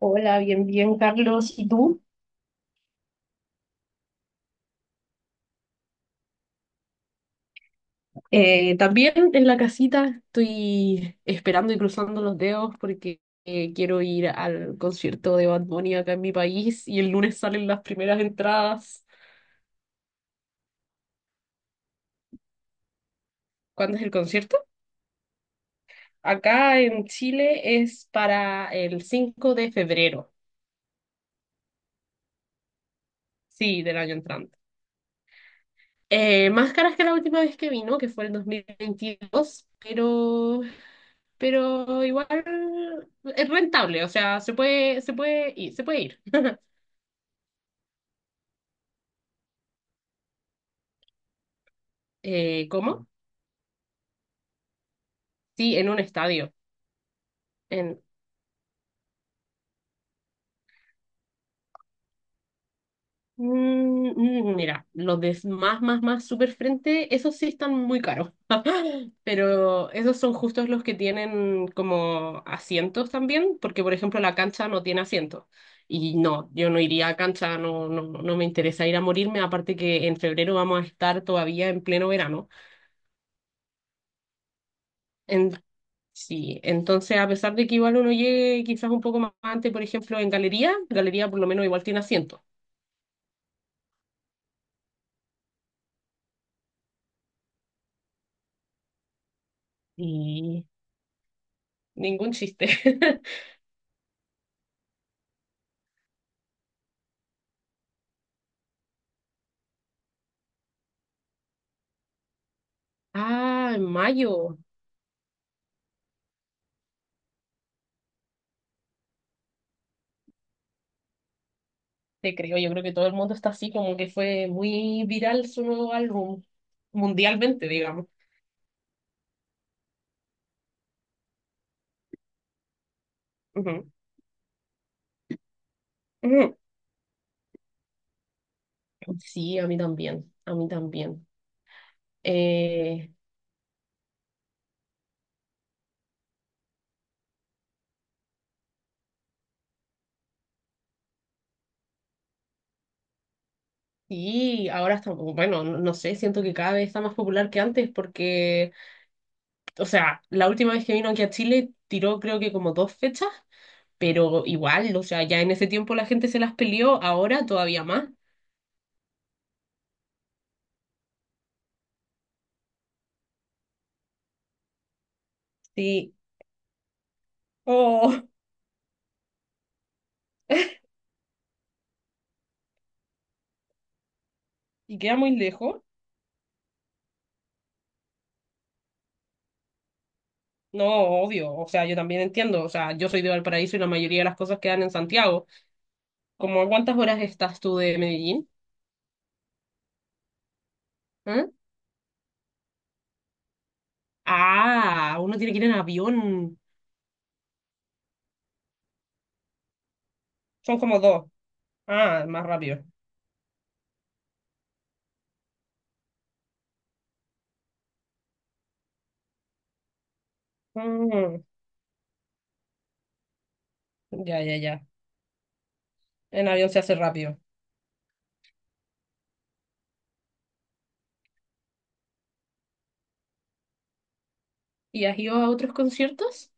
Hola, bien, bien, Carlos. ¿Y tú? También en la casita estoy esperando y cruzando los dedos porque quiero ir al concierto de Bad Bunny acá en mi país y el lunes salen las primeras entradas. ¿Cuándo es el concierto? Acá en Chile es para el 5 de febrero, sí, del año entrante. Más caras que la última vez que vino, que fue el 2022, pero igual es rentable, o sea, se puede ir, se puede ir. ¿Cómo? Sí, en un estadio. En... Mm, mira, los de más super frente, esos sí están muy caros. Pero esos son justos los que tienen como asientos también, porque por ejemplo la cancha no tiene asientos. Y no, yo no iría a cancha, no, no, no me interesa ir a morirme, aparte que en febrero vamos a estar todavía en pleno verano. En- sí, entonces a pesar de que igual uno llegue quizás un poco más antes, por ejemplo, en galería, galería por lo menos igual tiene asientos. Sí, ningún chiste. Ah, en mayo, te creo. Yo creo que todo el mundo está así, como que fue muy viral su nuevo álbum, mundialmente, digamos. Ujú, ujú. Sí, a mí también, a mí también. Eh, y ahora está, bueno, no sé, siento que cada vez está más popular que antes porque, o sea, la última vez que vino aquí a Chile tiró creo que como dos fechas, pero igual, o sea, ya en ese tiempo la gente se las peleó, ahora todavía más. Sí. Oh. Y queda muy lejos. No, obvio, o sea, yo también entiendo, o sea, yo soy de Valparaíso y la mayoría de las cosas quedan en Santiago. ¿Cómo a cuántas horas estás tú de Medellín? ¿Eh? Ah, uno tiene que ir en avión. Son como dos. Ah, más rápido. Mm, ya, ya, ya. En avión se hace rápido. ¿Y has ido a otros conciertos?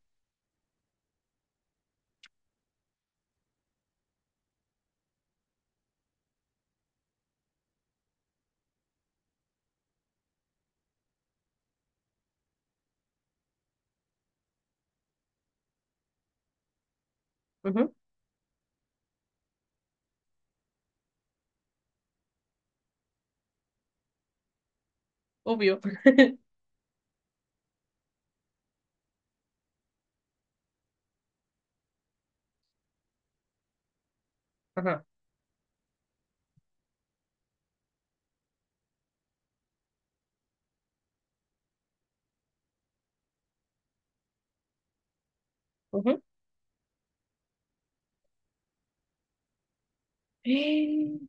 Ujú, obvio. Ajá. Ujú.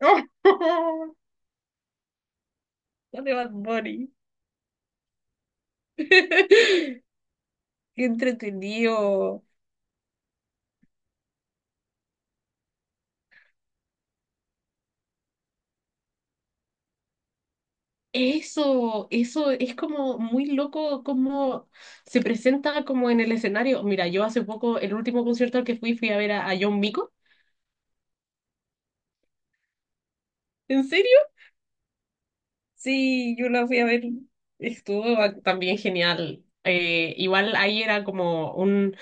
¡Oh! De Bad Bunny. ¡Qué entretenido! Eso es como muy loco cómo se presenta como en el escenario. Mira, yo hace poco, el último concierto al que fui, fui a ver a John Mico. ¿En serio? Sí, yo la fui a ver. También genial. Igual ahí era como un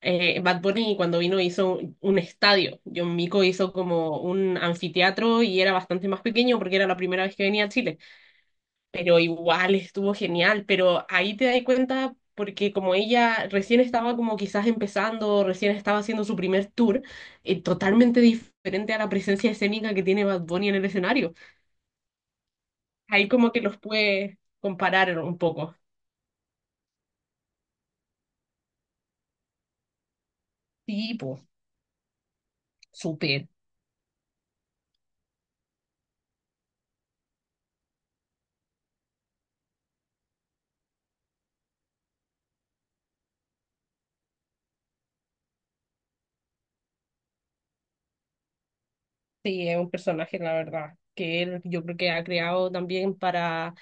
Bad Bunny cuando vino hizo un estadio. John Mico hizo como un anfiteatro y era bastante más pequeño porque era la primera vez que venía a Chile. Pero igual estuvo genial, pero ahí te das cuenta porque como ella recién estaba como quizás empezando, recién estaba haciendo su primer tour, totalmente diferente a la presencia escénica que tiene Bad Bunny en el escenario. Ahí como que los puede comparar un poco. Tipo, súper. Sí, es un personaje, la verdad, que él yo creo que ha creado también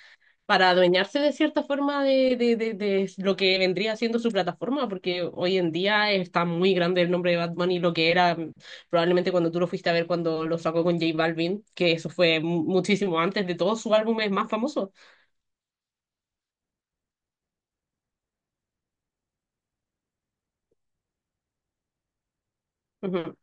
para adueñarse de cierta forma de lo que vendría siendo su plataforma, porque hoy en día está muy grande el nombre de Bad Bunny, lo que era probablemente cuando tú lo fuiste a ver cuando lo sacó con J Balvin, que eso fue muchísimo antes de todos sus álbumes más famosos. Ujú.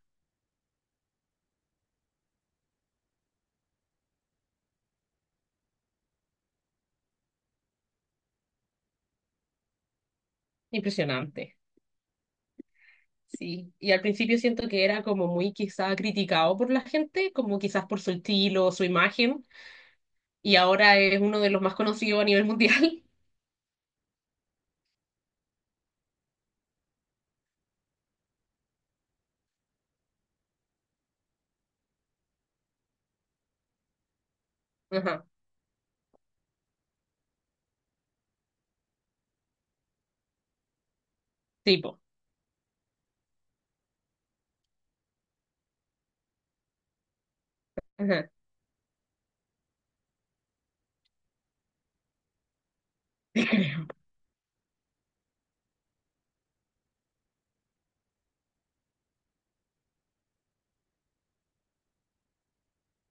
Impresionante. Sí, y al principio siento que era como muy quizá criticado por la gente, como quizás por su estilo, su imagen, y ahora es uno de los más conocidos a nivel mundial. Ajá, tipo. Ajá.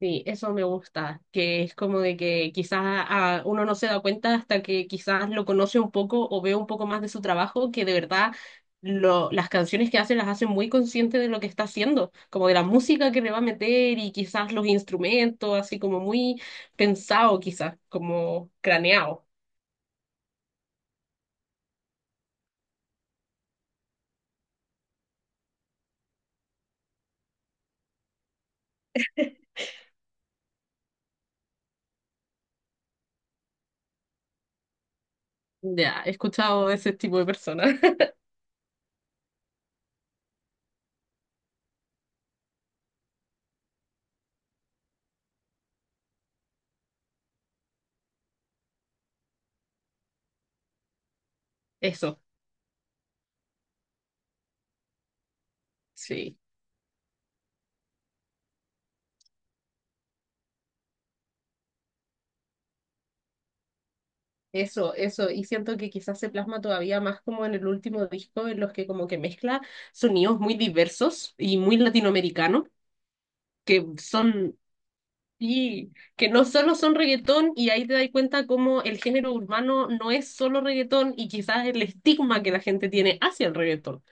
Sí, eso me gusta, que es como de que quizás ah, uno no se da cuenta hasta que quizás lo conoce un poco o ve un poco más de su trabajo, que de verdad lo, las canciones que hace las hace muy consciente de lo que está haciendo, como de la música que le va a meter y quizás los instrumentos, así como muy pensado quizás, como craneado. Ya, he escuchado a ese tipo de personas. Eso, sí. Eso, y siento que quizás se plasma todavía más como en el último disco, en los que como que mezcla sonidos muy diversos y muy latinoamericanos, que son, y que no solo son reggaetón, y ahí te das cuenta como el género urbano no es solo reggaetón, y quizás el estigma que la gente tiene hacia el reggaetón.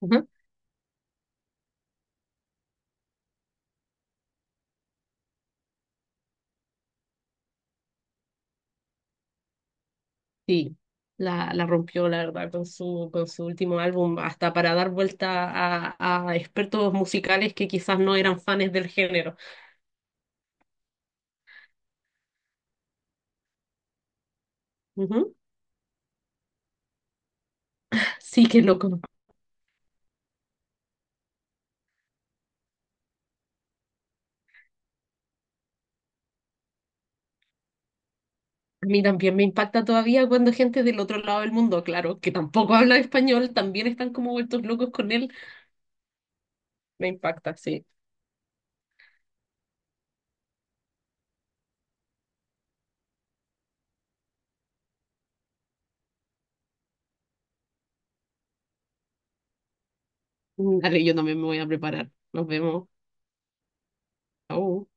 Ujú. Sí, la rompió, la verdad, con su último álbum, hasta para dar vuelta a expertos musicales que quizás no eran fans del género. Ujú. Sí, qué loco. A mí también me impacta todavía cuando gente del otro lado del mundo, claro, que tampoco habla español, también están como vueltos locos con él. Me impacta, sí. Dale, yo también me voy a preparar. Nos vemos. Chau.